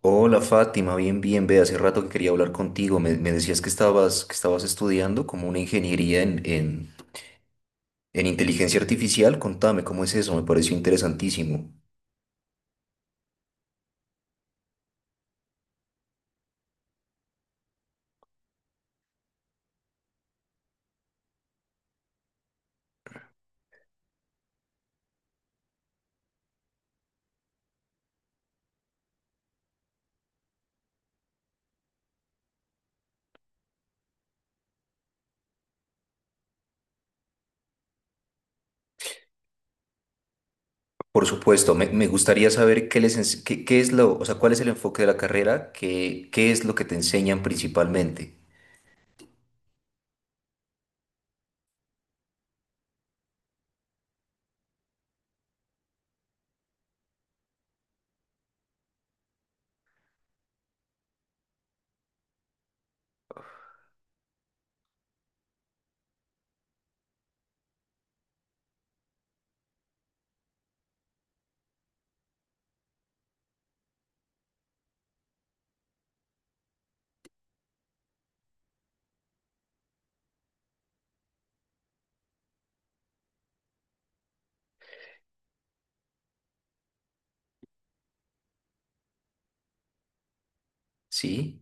Hola Fátima, bien, bien, ve, hace rato que quería hablar contigo. Me decías que estabas estudiando como una ingeniería en inteligencia artificial. Contame, ¿cómo es eso? Me pareció interesantísimo. Por supuesto, me gustaría saber qué les, qué, qué es lo, o sea, cuál es el enfoque de la carrera, qué, qué es lo que te enseñan principalmente. ¿Sí?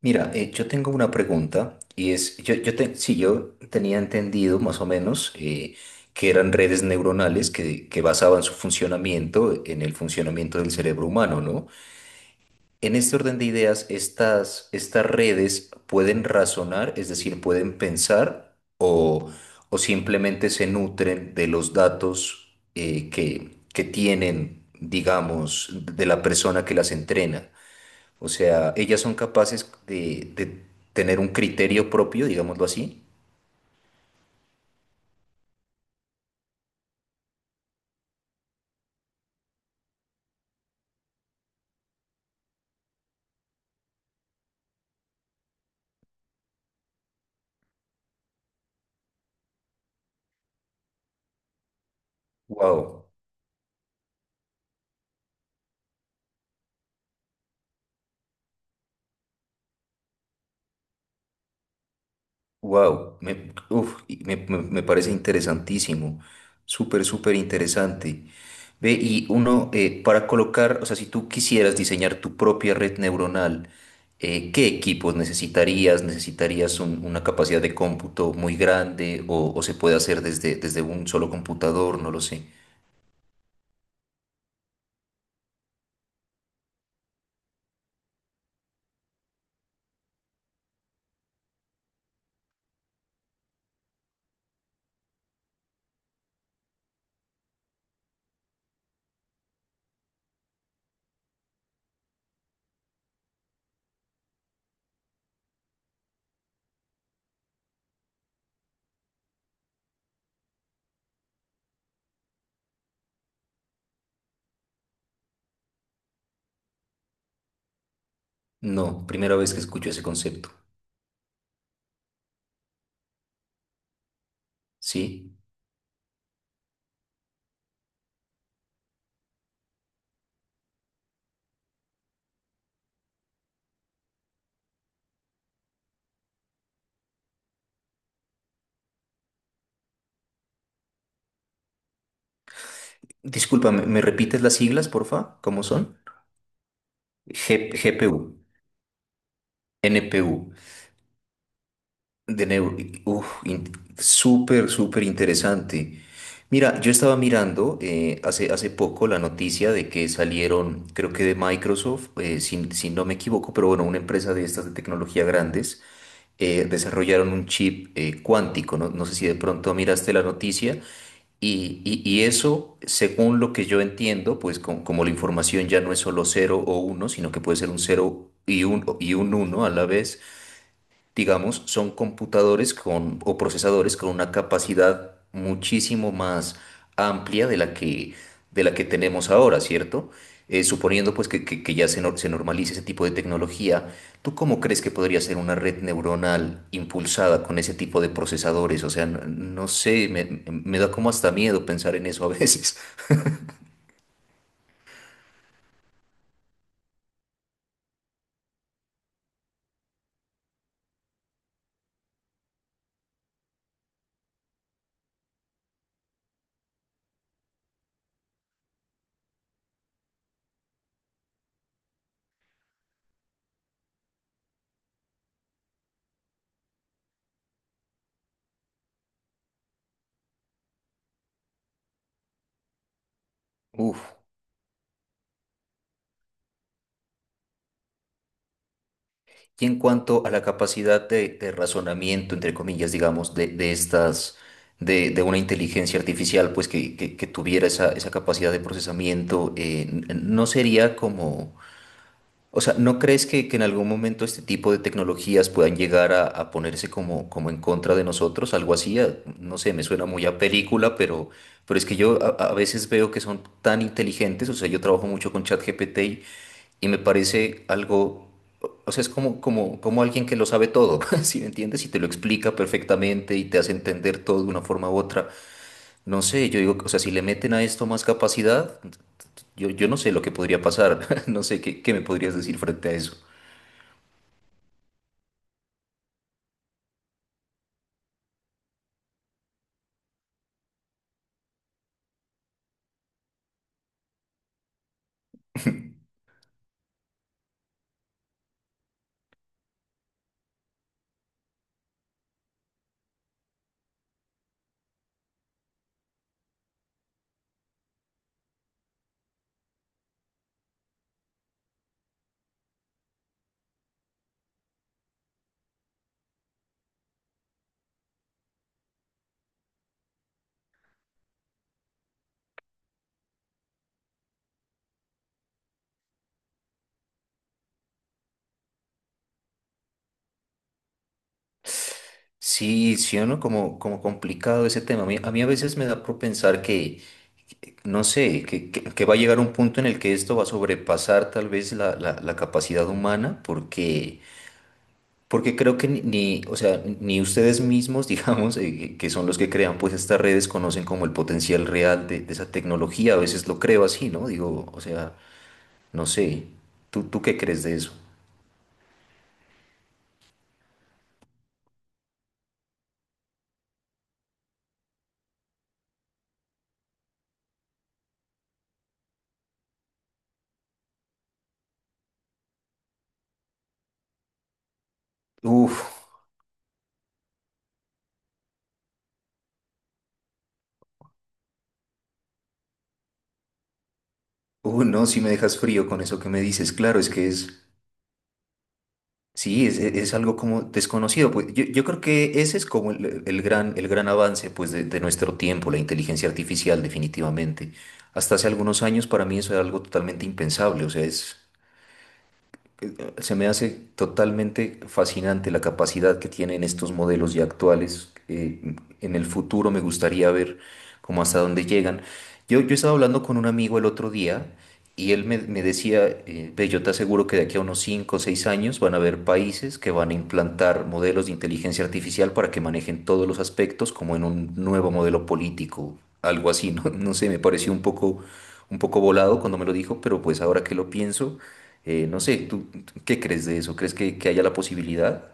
Mira, yo tengo una pregunta y es, yo, sí, yo tenía entendido más o menos que eran redes neuronales que basaban su funcionamiento en el funcionamiento del cerebro humano, ¿no? En este orden de ideas, estas, estas redes pueden razonar, es decir, pueden pensar o simplemente se nutren de los datos que tienen, digamos, de la persona que las entrena. O sea, ellas son capaces de tener un criterio propio, digámoslo así. Wow, wow, me, uf, y me, me parece interesantísimo. Súper, súper interesante. Ve, y uno, para colocar, o sea, si tú quisieras diseñar tu propia red neuronal, ¿qué equipos necesitarías? ¿Necesitarías una capacidad de cómputo muy grande o se puede hacer desde, desde un solo computador? No lo sé. No, primera vez que escucho ese concepto. Sí. Discúlpame, ¿me repites las siglas, porfa? ¿Cómo son? GPU, NPU, Uf, súper, súper interesante. Mira, yo estaba mirando hace, hace poco la noticia de que salieron, creo que de Microsoft, si, si no me equivoco, pero bueno, una empresa de estas de tecnología grandes, desarrollaron un chip cuántico. No, no sé si de pronto miraste la noticia. Y, y eso, según lo que yo entiendo, pues como la información ya no es solo cero o uno, sino que puede ser un cero y un uno a la vez, digamos, son computadores con, o procesadores con una capacidad muchísimo más amplia de la que tenemos ahora, ¿cierto? Suponiendo pues que, que ya se, se normalice ese tipo de tecnología, ¿tú cómo crees que podría ser una red neuronal impulsada con ese tipo de procesadores? O sea, no, no sé, me da como hasta miedo pensar en eso a veces. Uf. Y en cuanto a la capacidad de razonamiento, entre comillas, digamos, de estas, de una inteligencia artificial, pues que, que tuviera esa, esa capacidad de procesamiento, no sería como, o sea, ¿no crees que en algún momento este tipo de tecnologías puedan llegar a ponerse como, como en contra de nosotros? Algo así, no sé, me suena muy a película, pero es que yo a veces veo que son tan inteligentes, o sea, yo trabajo mucho con ChatGPT y me parece algo, o sea, es como, como, como alguien que lo sabe todo, ¿si me entiendes? Y te lo explica perfectamente y te hace entender todo de una forma u otra. No sé, yo digo, o sea, si le meten a esto más capacidad, yo no sé lo que podría pasar, no sé qué, qué me podrías decir frente a eso. Sí, sí o no, como, como complicado ese tema. A mí, a mí a veces me da por pensar que, no sé, que, que va a llegar un punto en el que esto va a sobrepasar tal vez la, la capacidad humana, porque, porque creo que ni, ni, o sea, ni ustedes mismos, digamos, que son los que crean pues estas redes, conocen como el potencial real de esa tecnología. A veces lo creo así, ¿no? Digo, o sea, no sé. ¿Tú, tú qué crees de eso? Uf. No, si me dejas frío con eso que me dices, claro, es que es, sí, es, es algo como desconocido, pues yo creo que ese es como el gran avance, pues, de nuestro tiempo, la inteligencia artificial, definitivamente. Hasta hace algunos años para mí eso era algo totalmente impensable, o sea, es, se me hace totalmente fascinante la capacidad que tienen estos modelos ya actuales. Eh, en el futuro me gustaría ver cómo, hasta dónde llegan. Yo estaba hablando con un amigo el otro día y él me, me decía, "Ve, yo te aseguro que de aquí a unos 5 o 6 años van a haber países que van a implantar modelos de inteligencia artificial para que manejen todos los aspectos como en un nuevo modelo político", algo así, ¿no? No sé, me pareció un poco volado cuando me lo dijo, pero pues ahora que lo pienso, no sé, ¿tú, tú qué crees de eso? ¿Crees que haya la posibilidad?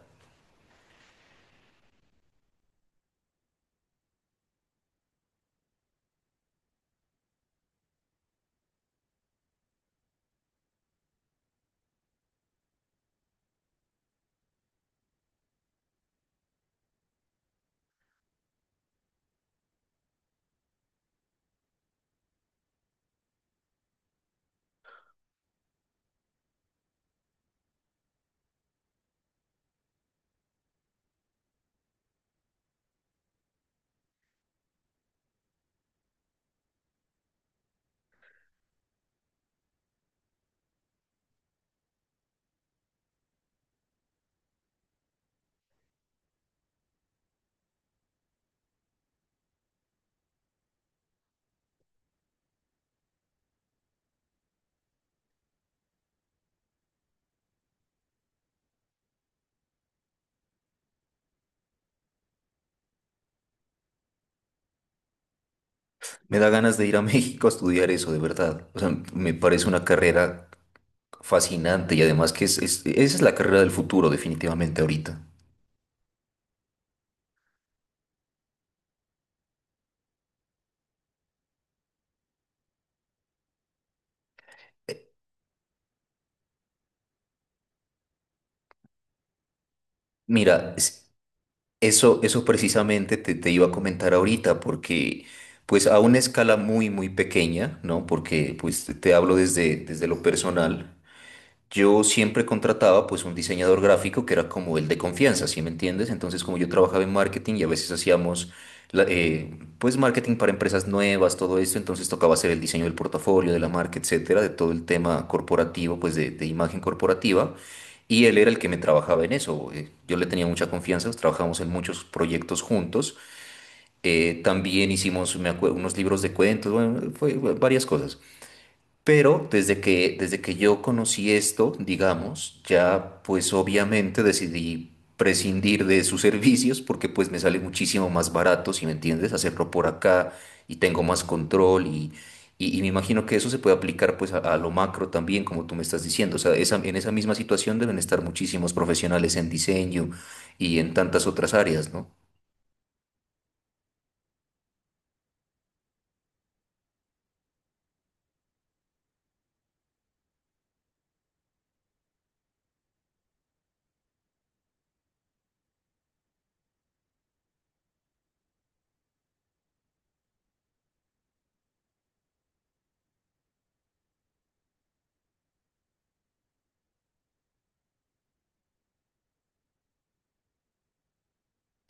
Me da ganas de ir a México a estudiar eso, de verdad. O sea, me parece una carrera fascinante y además que es, esa es la carrera del futuro, definitivamente ahorita. Mira, eso, eso precisamente te, te iba a comentar ahorita, porque pues a una escala muy, muy pequeña, ¿no? Porque pues te te hablo desde, desde lo personal. Yo siempre contrataba pues un diseñador gráfico que era como el de confianza, ¿sí me entiendes? Entonces como yo trabajaba en marketing y a veces hacíamos pues marketing para empresas nuevas, todo esto, entonces tocaba hacer el diseño del portafolio, de la marca, etcétera, de todo el tema corporativo, pues de imagen corporativa. Y él era el que me trabajaba en eso. Eh, yo le tenía mucha confianza, pues, trabajamos en muchos proyectos juntos. Eh, también hicimos unos libros de cuentos, bueno, fue fue varias cosas. Pero desde que yo conocí esto, digamos, ya pues obviamente decidí prescindir de sus servicios porque pues me sale muchísimo más barato, si me entiendes, hacerlo por acá y tengo más control y me imagino que eso se puede aplicar pues a lo macro también, como tú me estás diciendo. O sea, en esa misma situación deben estar muchísimos profesionales en diseño y en tantas otras áreas, ¿no?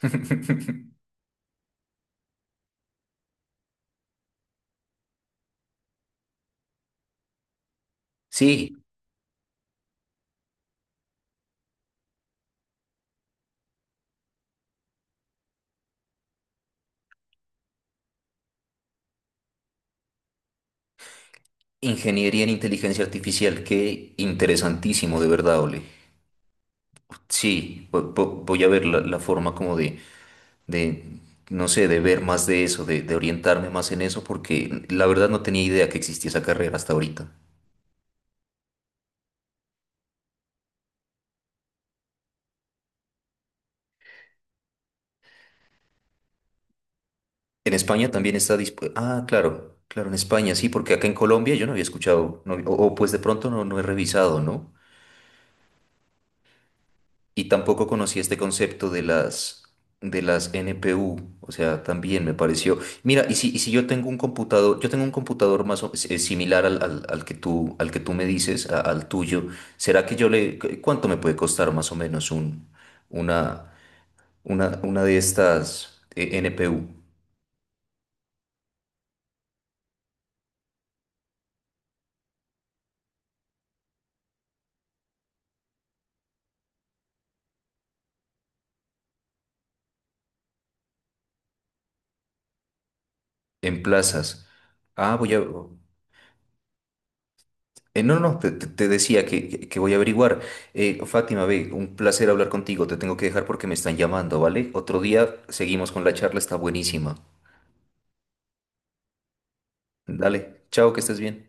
Sí, ingeniería en inteligencia artificial, qué interesantísimo, de verdad, Ole. Sí, voy a ver la, la forma como de, no sé, de ver más de eso, de orientarme más en eso, porque la verdad no tenía idea que existía esa carrera hasta ahorita. En España también está dispuesta. Ah, claro, claro, en España sí, porque acá en Colombia yo no había escuchado, o pues de pronto no, no he revisado, ¿no? Y tampoco conocí este concepto de las NPU, o sea, también me pareció. Mira, y si yo tengo un computador, yo tengo un computador más similar al, al que tú me dices, al tuyo, ¿será que yo le, cuánto me puede costar más o menos un, una, una de estas NPU en plazas? Ah, voy a, eh, no, no, te, te decía que, que voy a averiguar. Fátima, ve, un placer hablar contigo. Te tengo que dejar porque me están llamando, ¿vale? Otro día seguimos con la charla, está buenísima. Dale, chao, que estés bien.